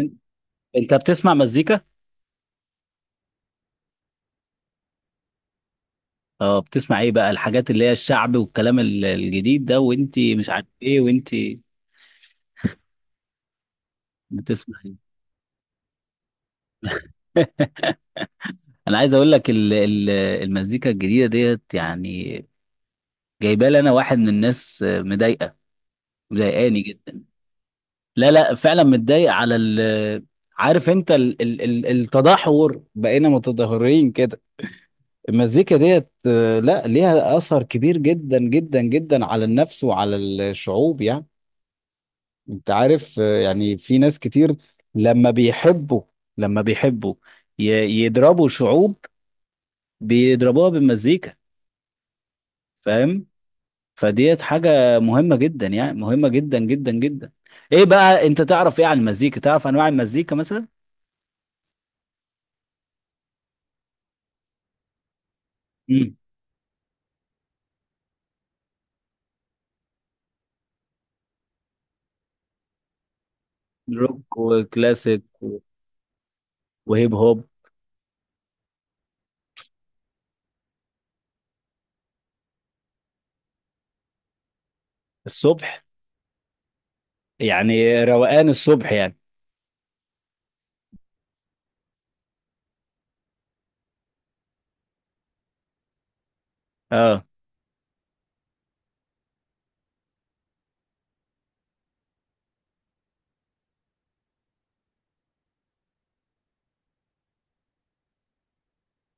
إن- انت بتسمع مزيكا؟ اه، بتسمع ايه بقى الحاجات اللي هي الشعب والكلام الجديد ده، وانت مش عارف ايه، وانت بتسمع ايه؟ انا عايز اقول لك المزيكا الجديده ديت، يعني جايبه لي انا واحد من الناس مضايقه، مضايقاني جدا. لا لا، فعلا متضايق على ال، عارف انت ال ال ال التدهور، بقينا متدهورين كده. المزيكا ديت لا، ليها اثر كبير جدا جدا جدا على النفس وعلى الشعوب يعني. انت عارف يعني في ناس كتير لما بيحبوا، لما بيحبوا ي- يضربوا شعوب، بيضربوها بالمزيكا، فاهم؟ فديت حاجة مهمة جدا، يعني مهمة جدا جدا جدا. ايه بقى، انت تعرف ايه عن المزيكا؟ تعرف انواع المزيكا مثلا؟ امم. روك وكلاسيك وهيب هوب. الصبح؟ يعني روقان الصبح يعني. اه،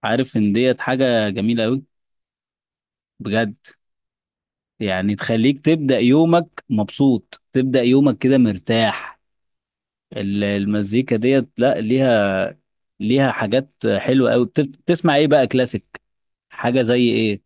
عارف ان ديت حاجة جميلة قوي، بجد. يعني تخليك تبدأ يومك مبسوط، تبدأ يومك كده مرتاح. المزيكا ديت لا ليها، ليها حاجات حلوه قوي. بتسمع ايه بقى، كلاسيك؟ حاجه زي ايه؟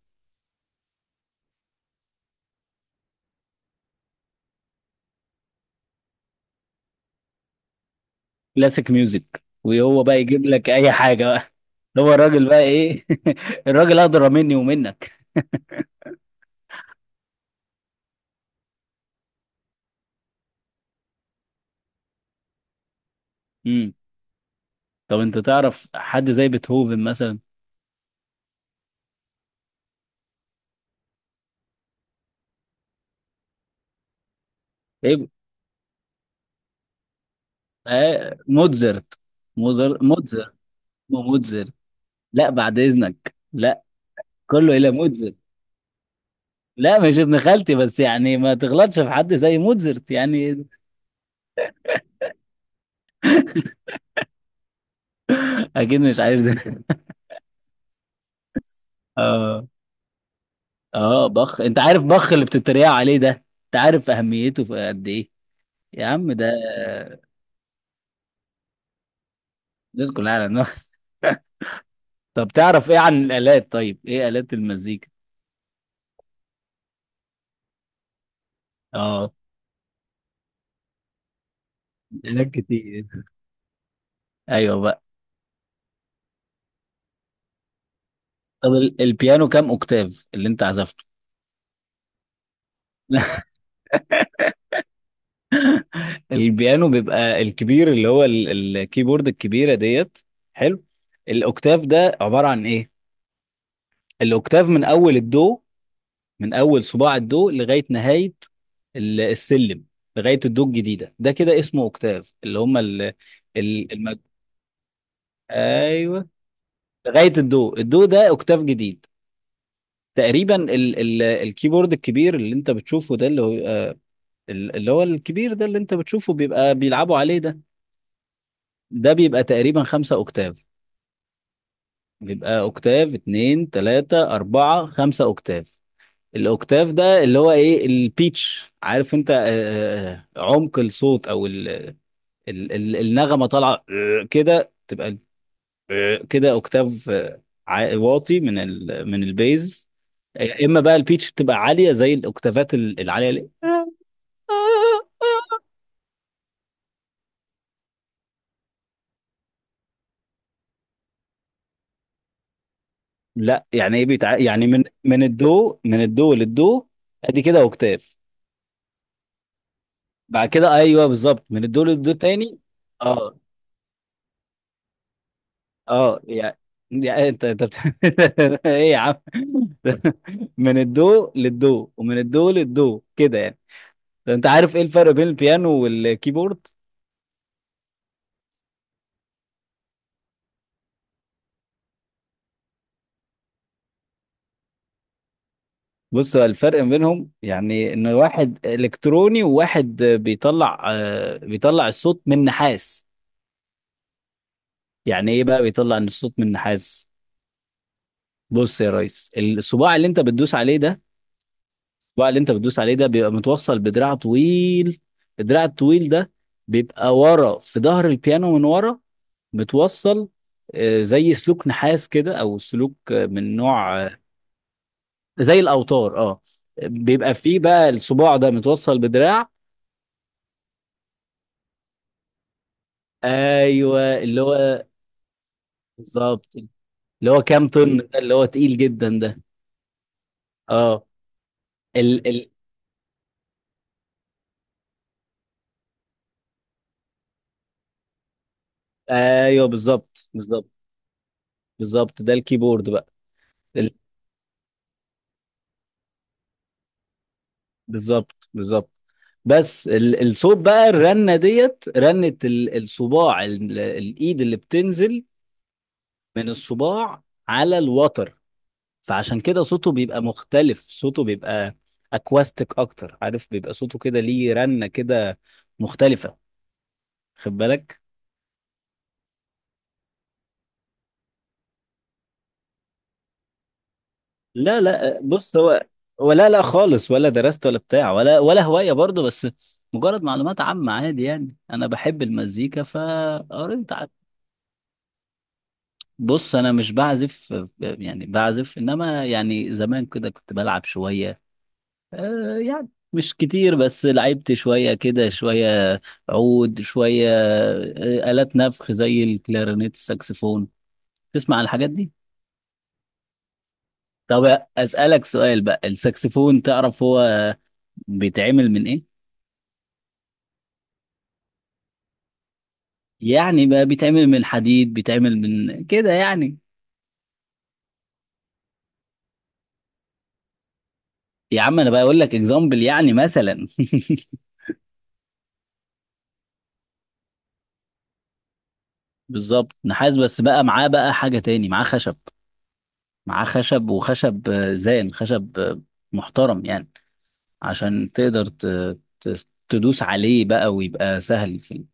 كلاسيك ميوزك، وهو بقى يجيب لك اي حاجه بقى. هو الراجل بقى، ايه! الراجل اقدر مني ومنك. امم. طب انت تعرف حد زي بيتهوفن مثلا؟ ايه؟ آه، موتزرت. موتزرت، موتزرت. لا بعد اذنك، لا. كله الى موتزرت. لا مش ابن خالتي، بس يعني ما تغلطش في حد زي موتزرت يعني. اكيد مش عارف زي. اه، اه، بخ؟ انت عارف بخ اللي بتتريق عليه ده، انت عارف اهميته في قد ايه؟ يا عم ده! الناس كلها على النار. طب تعرف ايه عن الالات؟ طيب، ايه الات المزيكا؟ اه، آلات كتير، ايوه بقى. طب البيانو كام اوكتاف اللي انت عزفته؟ البيانو بيبقى الكبير، اللي هو الكيبورد الكبيره ديت. حلو. الاوكتاف ده عباره عن ايه؟ الاوكتاف من اول الدو، من اول صباع الدو لغايه نهايه السلم، لغايه الدو الجديده ده، كده اسمه اوكتاف. اللي هم ال المج... ايوه، لغايه الدو، الدو ده اوكتاف جديد. تقريبا ال ال الكيبورد الكبير اللي انت بتشوفه ده، اللي هو اللي هو الكبير ده اللي انت بتشوفه، بيبقى بيلعبوا عليه ده، ده بيبقى تقريبا خمسة اوكتاف. بيبقى اوكتاف، اتنين، تلاتة، اربعة، خمسة اوكتاف. الاوكتاف ده اللي هو ايه؟ البيتش. عارف انت عمق الصوت او ال ال النغمه طالعه كده تبقى كده اوكتاف واطي، من البيز. يا اما بقى البيتش بتبقى عاليه زي الاوكتافات العاليه لا، يعني ايه يعني من من الدو من الدو للدو، ادي كده اوكتاف. بعد كده ايوه، بالظبط، من الدو للدو تاني. اه اه، يعني انت ايه يا عم! من الدو للدو ومن الدو للدو، كده يعني. ده انت عارف ايه الفرق بين البيانو والكيبورد؟ بص، هو الفرق ما بينهم يعني ان واحد الكتروني، وواحد بيطلع بيطلع الصوت من نحاس. يعني ايه بقى بيطلع ان الصوت من نحاس؟ بص يا ريس، الصباع اللي انت بتدوس عليه ده، الصباع اللي انت بتدوس عليه ده بيبقى متوصل بدراع طويل. الدراع الطويل ده بيبقى ورا في ظهر البيانو، من ورا متوصل زي سلوك نحاس كده، او سلوك من نوع زي الاوتار، اه. بيبقى فيه بقى الصباع ده متوصل بدراع. ايوه، اللي هو بالظبط، اللي هو كام طن ده، اللي هو تقيل جدا ده. اه، ال ال ايوه، بالظبط بالظبط. بالظبط، ده الكيبورد بقى. ال- بالظبط بالظبط. بس الصوت بقى، الرنه ديت، رنه الصباع، الايد اللي بتنزل من الصباع على الوتر، فعشان كده صوته بيبقى مختلف، صوته بيبقى اكواستيك اكتر. عارف بيبقى صوته كده، ليه رنه كده مختلفه. خد بالك. لا لا، بص هو، لا خالص، ولا درست ولا بتاع، ولا هواية برضه، بس مجرد معلومات عامة، عادي يعني. أنا بحب المزيكا فقريت بص، أنا مش بعزف. يعني بعزف، إنما يعني زمان كده كنت بلعب شوية، يعني مش كتير، بس لعبت شوية كده، شوية عود، شوية آلات نفخ زي الكلارينيت، الساكسفون. تسمع عن الحاجات دي؟ طب أسألك سؤال بقى، الساكسفون تعرف هو بيتعمل من إيه؟ يعني بقى بيتعمل من حديد، بيتعمل من كده يعني. يا عم، انا بقول لك اكزامبل يعني، مثلا. بالظبط، نحاس، بس بقى معاه بقى حاجة تاني، معاه خشب، معاه خشب. وخشب زان، خشب محترم يعني، عشان تقدر تدوس عليه بقى ويبقى سهل في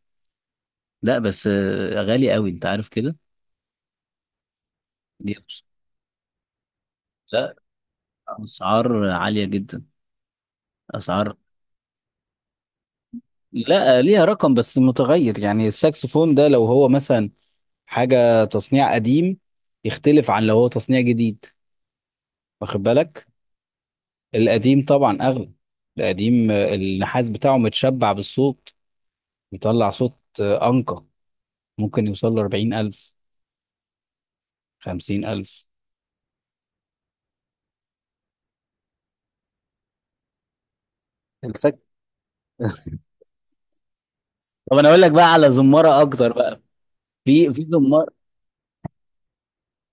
لا بس غالي قوي، انت عارف كده. دي أبس- لا، اسعار عالية جدا. اسعار، لا ليها رقم بس متغير. يعني الساكسفون ده لو هو مثلا حاجة تصنيع قديم، يختلف عن لو هو تصنيع جديد. واخد بالك؟ القديم طبعا أغلى. القديم النحاس بتاعه متشبع بالصوت، بيطلع صوت أنقى. ممكن يوصل ل 40,000، 50,000. السك طب أنا أقول لك بقى على زمارة أكتر بقى. في زمارة،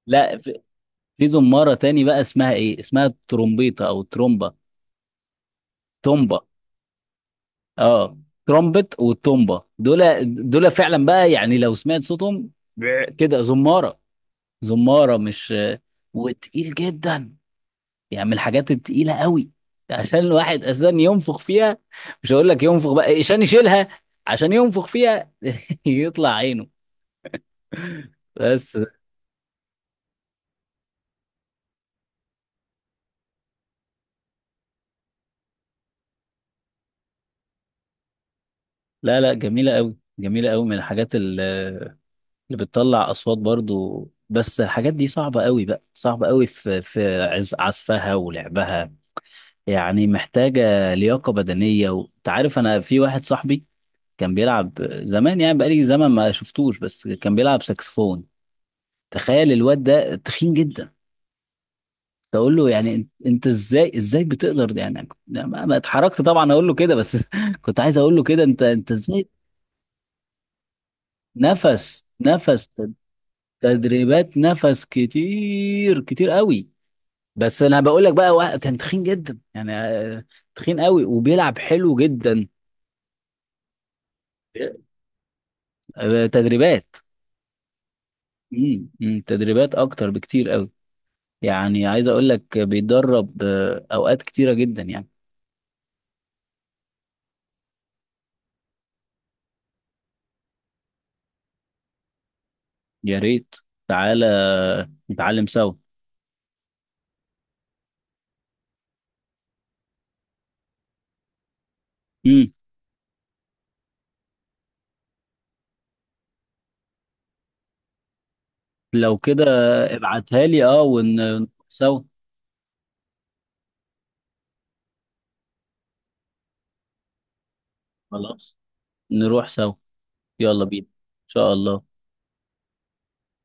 لا في زمارة تاني بقى، اسمها إيه، اسمها الترومبيطة أو الترومبا. تومبا، اه، ترومبت والتومبا، دول، دول فعلا بقى، يعني لو سمعت صوتهم، كده زمارة، زمارة مش، وتقيل جدا، يعني من الحاجات التقيلة قوي، عشان الواحد اساسا ينفخ فيها، مش هقول لك ينفخ بقى عشان يشيلها، عشان ينفخ فيها. يطلع عينه، بس. لا لا، جميلة قوي، جميلة قوي، من الحاجات اللي بتطلع اصوات برضو، بس الحاجات دي صعبة قوي بقى، صعبة قوي في عزفها ولعبها، يعني محتاجة لياقة بدنية. وانت عارف، انا في واحد صاحبي كان بيلعب زمان، يعني بقالي زمن ما شفتوش، بس كان بيلعب ساكسفون. تخيل، الواد ده تخين جدا، تقول له يعني أنت ازاي بتقدر؟ يعني، يعني ما اتحركت طبعا، اقول له كده بس. كنت عايز اقول له كده، انت ازاي؟ نفس نفس، تدريبات نفس كتير كتير قوي. بس انا بقول لك بقى، كان تخين جدا يعني، تخين قوي، وبيلعب حلو جدا. تدريبات. أمم، تدريبات اكتر بكتير قوي. يعني عايز اقول لك، بيتدرب اوقات كتيرة جدا يعني. يا ريت، تعالى نتعلم سوا. امم. لو كده ابعتها لي، اه، ونروح سوا. خلاص، نروح سوا. يلا بينا ان شاء الله.